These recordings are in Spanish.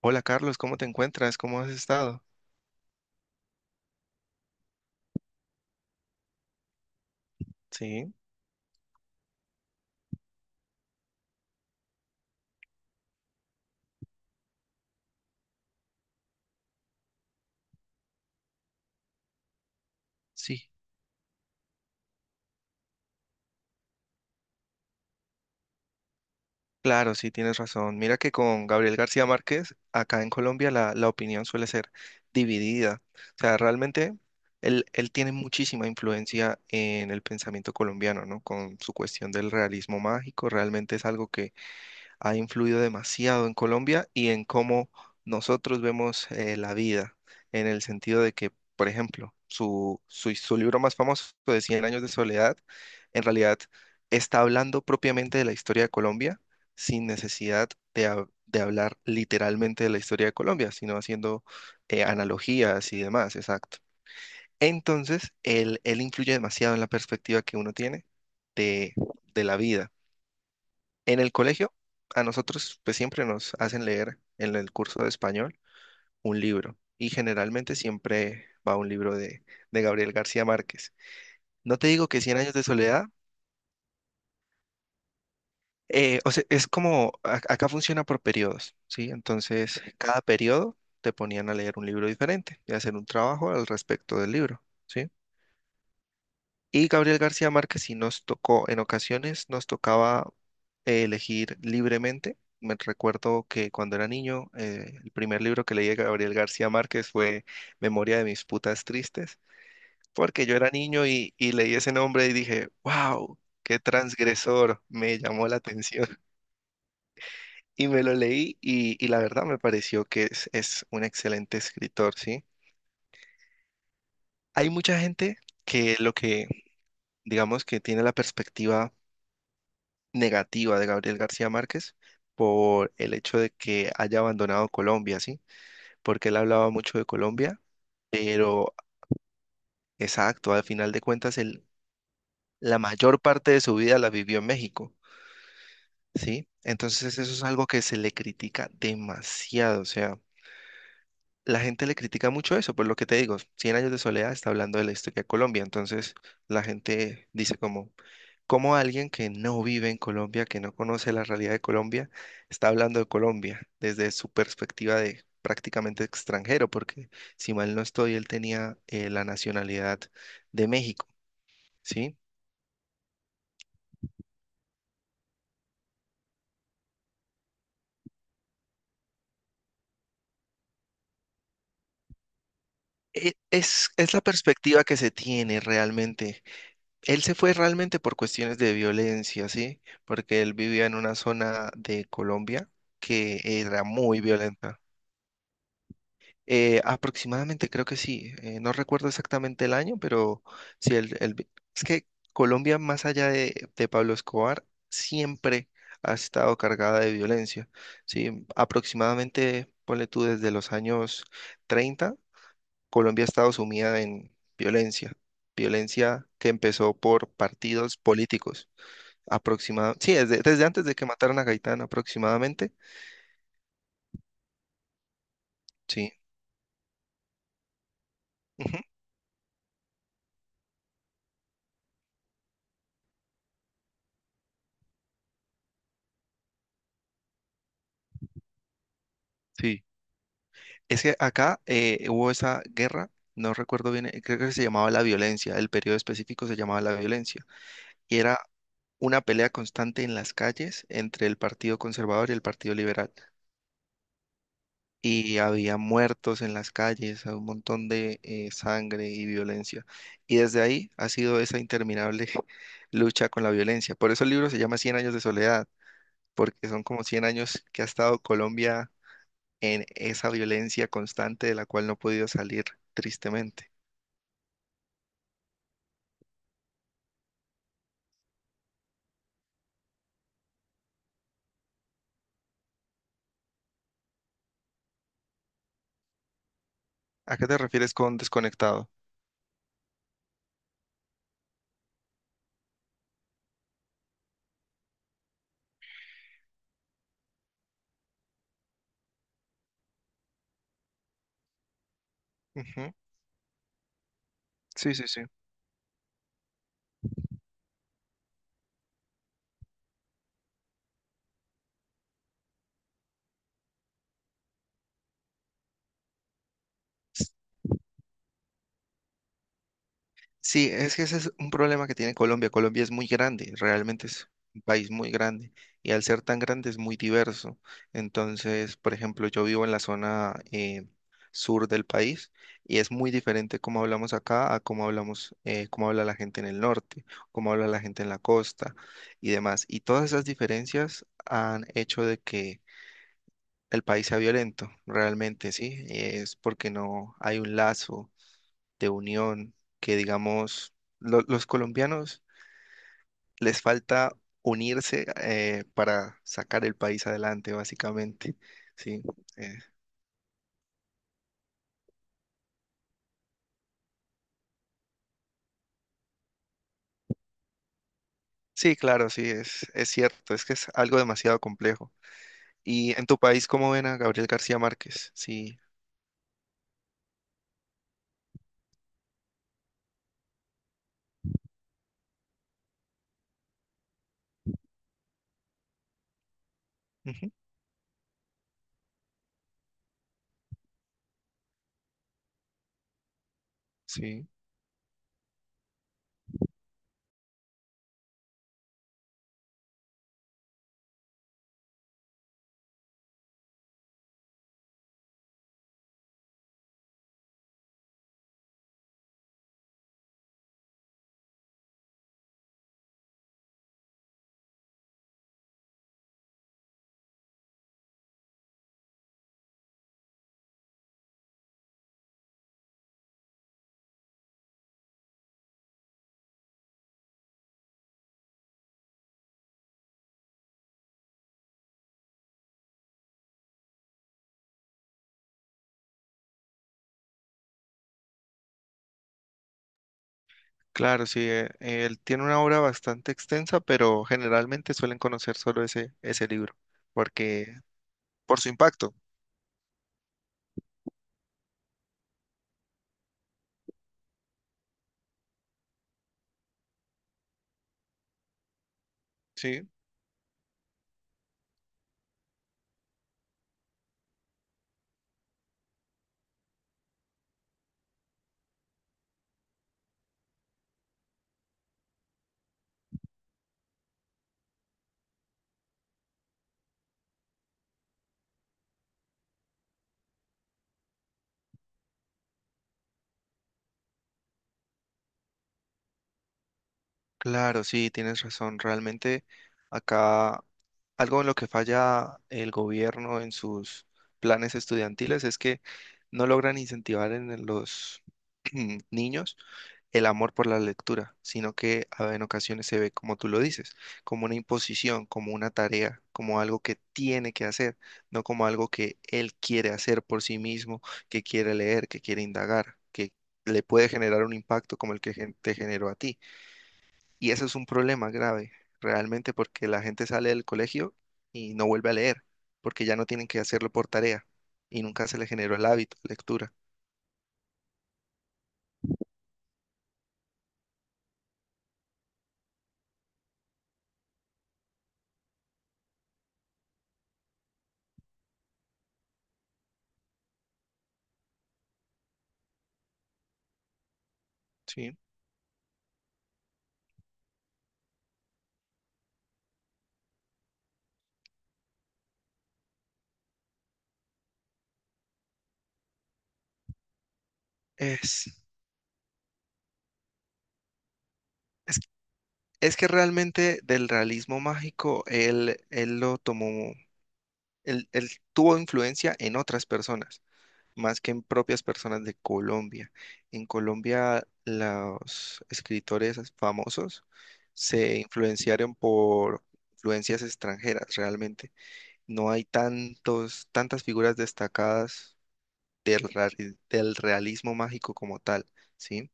Hola Carlos, ¿cómo te encuentras? ¿Cómo has estado? Sí, sí, claro, sí, tienes razón. Mira que con Gabriel García Márquez, acá en Colombia, la opinión suele ser dividida. O sea, realmente él tiene muchísima influencia en el pensamiento colombiano, ¿no? Con su cuestión del realismo mágico, realmente es algo ha influido demasiado en Colombia y en cómo nosotros vemos la vida, en el sentido de que, por ejemplo, su libro más famoso de Cien años de soledad, en realidad está hablando propiamente de la historia de Colombia sin necesidad de hablar literalmente de la historia de Colombia, sino haciendo analogías y demás, exacto. Entonces, él influye demasiado en la perspectiva que uno tiene de, de la vida. En el colegio, a nosotros pues siempre nos hacen leer en el curso de español un libro y generalmente siempre va un libro de Gabriel García Márquez. No te digo que Cien años de soledad, o sea, es como, acá funciona por periodos, ¿sí? Entonces, cada periodo te ponían a leer un libro diferente y hacer un trabajo al respecto del libro, ¿sí? Y Gabriel García Márquez sí nos tocó, en ocasiones nos tocaba elegir libremente. Me recuerdo que cuando era niño, el primer libro que leí de Gabriel García Márquez fue Memoria de mis putas tristes, porque yo era niño y leí ese nombre y dije, wow, qué transgresor, me llamó la atención. Y me lo leí y la verdad me pareció que es un excelente escritor, ¿sí? Hay mucha gente que lo que, digamos, que tiene la perspectiva negativa de Gabriel García Márquez por el hecho de que haya abandonado Colombia, ¿sí? Porque él hablaba mucho de Colombia, pero exacto, al final de cuentas, él, la mayor parte de su vida la vivió en México, ¿sí? Entonces eso es algo que se le critica demasiado, o sea, la gente le critica mucho eso, por lo que te digo, Cien años de soledad está hablando de la historia de Colombia, entonces la gente dice como, ¿cómo alguien que no vive en Colombia, que no conoce la realidad de Colombia, está hablando de Colombia desde su perspectiva de prácticamente extranjero? Porque si mal no estoy, él tenía la nacionalidad de México, ¿sí? Es la perspectiva que se tiene realmente. Él se fue realmente por cuestiones de violencia, ¿sí? Porque él vivía en una zona de Colombia que era muy violenta. Aproximadamente, creo que sí. No recuerdo exactamente el año, pero sí, es que Colombia, más allá de Pablo Escobar, siempre ha estado cargada de violencia. Sí, aproximadamente, ponle tú, desde los años 30 Colombia ha estado sumida en violencia. Violencia que empezó por partidos políticos. Aproximadamente, sí, desde antes de que mataran a Gaitán, aproximadamente. Sí. Ujú. Sí. Es que acá hubo esa guerra, no recuerdo bien, creo que se llamaba la violencia, el periodo específico se llamaba la violencia, y era una pelea constante en las calles entre el Partido Conservador y el Partido Liberal, y había muertos en las calles, un montón de sangre y violencia, y desde ahí ha sido esa interminable lucha con la violencia. Por eso el libro se llama Cien años de soledad, porque son como 100 años que ha estado Colombia en esa violencia constante de la cual no he podido salir, tristemente. ¿A qué te refieres con desconectado? Ujú. Sí, sí, sí. Sí, es que ese es un problema que tiene Colombia. Colombia es muy grande, realmente es un país muy grande y al ser tan grande es muy diverso. Entonces, por ejemplo, yo vivo en la zona sur del país y es muy diferente cómo hablamos acá a cómo hablamos, cómo habla la gente en el norte, cómo habla la gente en la costa y demás. Y todas esas diferencias han hecho de que el país sea violento, realmente, sí. Es porque no hay un lazo de unión, que digamos, los colombianos les falta unirse para sacar el país adelante, básicamente. Sí, eh, sí, claro, sí, es cierto, es que es algo demasiado complejo. ¿Y en tu país cómo ven a Gabriel García Márquez? Sí, ujú, sí, claro, sí, él tiene una obra bastante extensa, pero generalmente suelen conocer solo ese libro, porque por su impacto. Sí. Claro, sí, tienes razón. Realmente acá algo en lo que falla el gobierno en sus planes estudiantiles es que no logran incentivar en los niños el amor por la lectura, sino que en ocasiones se ve, como tú lo dices, como una imposición, como una tarea, como algo que tiene que hacer, no como algo que él quiere hacer por sí mismo, que quiere leer, que quiere indagar, que le puede generar un impacto como el que te generó a ti. Y eso es un problema grave, realmente, porque la gente sale del colegio y no vuelve a leer, porque ya no tienen que hacerlo por tarea y nunca se le generó el hábito de lectura. Sí. Es, es, es que realmente del realismo mágico él lo tomó, él tuvo influencia en otras personas, más que en propias personas de Colombia. En Colombia los escritores famosos se influenciaron por influencias extranjeras, realmente no hay tantos, tantas figuras destacadas del, ra- del realismo mágico como tal, ¿sí?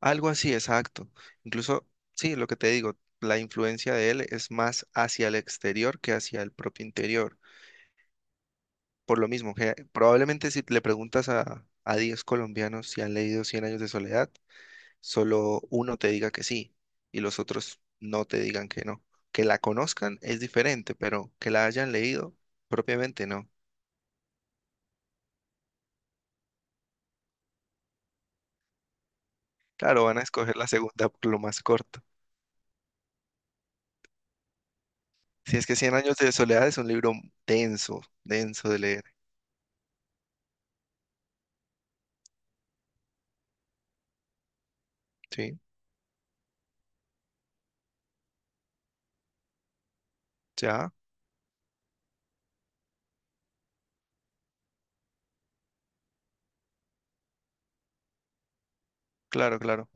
Algo así, exacto. Incluso, sí, lo que te digo, la influencia de él es más hacia el exterior que hacia el propio interior. Por lo mismo, que probablemente si le preguntas a 10 colombianos si han leído Cien años de soledad, solo uno te diga que sí y los otros no te digan que no. Que la conozcan es diferente, pero que la hayan leído propiamente no. Claro, van a escoger la segunda, lo más corto. Si es que Cien años de soledad es un libro denso, denso de leer, ¿sí? Ya, claro, claro.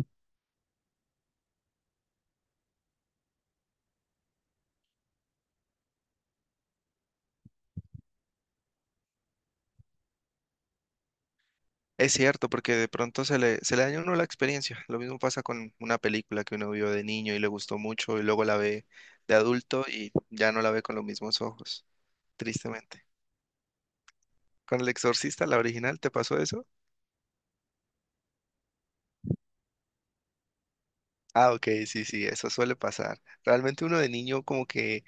Es cierto, porque de pronto se le daña a uno la experiencia. Lo mismo pasa con una película que uno vio de niño y le gustó mucho y luego la ve de adulto y ya no la ve con los mismos ojos, tristemente. ¿Con El Exorcista, la original, te pasó eso? Ah, ok, sí, sí, eso suele pasar. Realmente uno de niño como que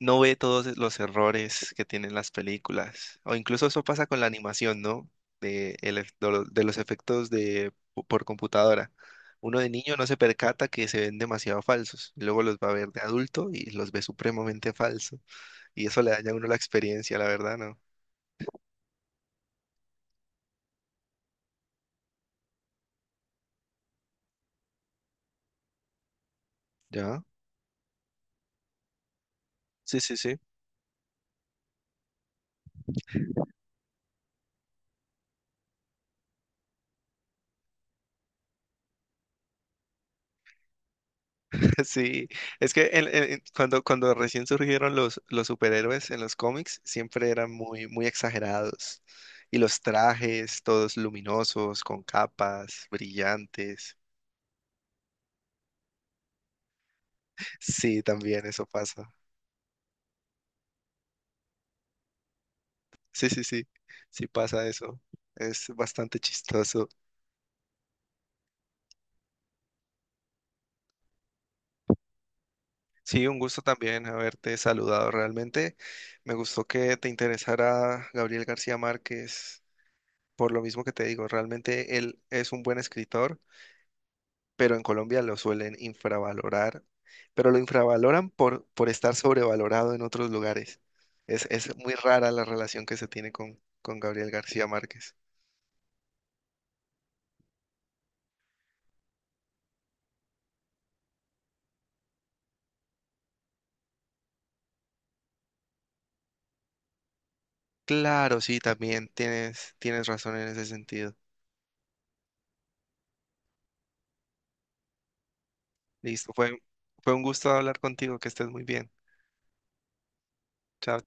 no ve todos los errores que tienen las películas. O incluso eso pasa con la animación, ¿no? De, el ef- de lo- de los efectos por computadora. Uno de niño no se percata que se ven demasiado falsos. Y luego los va a ver de adulto y los ve supremamente falsos. Y eso le daña a uno la experiencia, la verdad, ¿no? ¿Ya? Sí, sí, sí. Sí, es que cuando, cuando recién surgieron los superhéroes en los cómics, siempre eran muy, muy exagerados. Y los trajes, todos luminosos, con capas, brillantes. Sí, también eso pasa. Sí, sí, sí. Sí pasa eso. Es bastante chistoso. Sí, un gusto también haberte saludado. Realmente me gustó que te interesara Gabriel García Márquez. Por lo mismo que te digo, realmente él es un buen escritor, pero en Colombia lo suelen infravalorar, pero lo infravaloran por estar sobrevalorado en otros lugares. Es muy rara la relación que se tiene con Gabriel García Márquez. Claro, sí, también tienes razón en ese sentido. Listo, fue un gusto hablar contigo, que estés muy bien. Chao.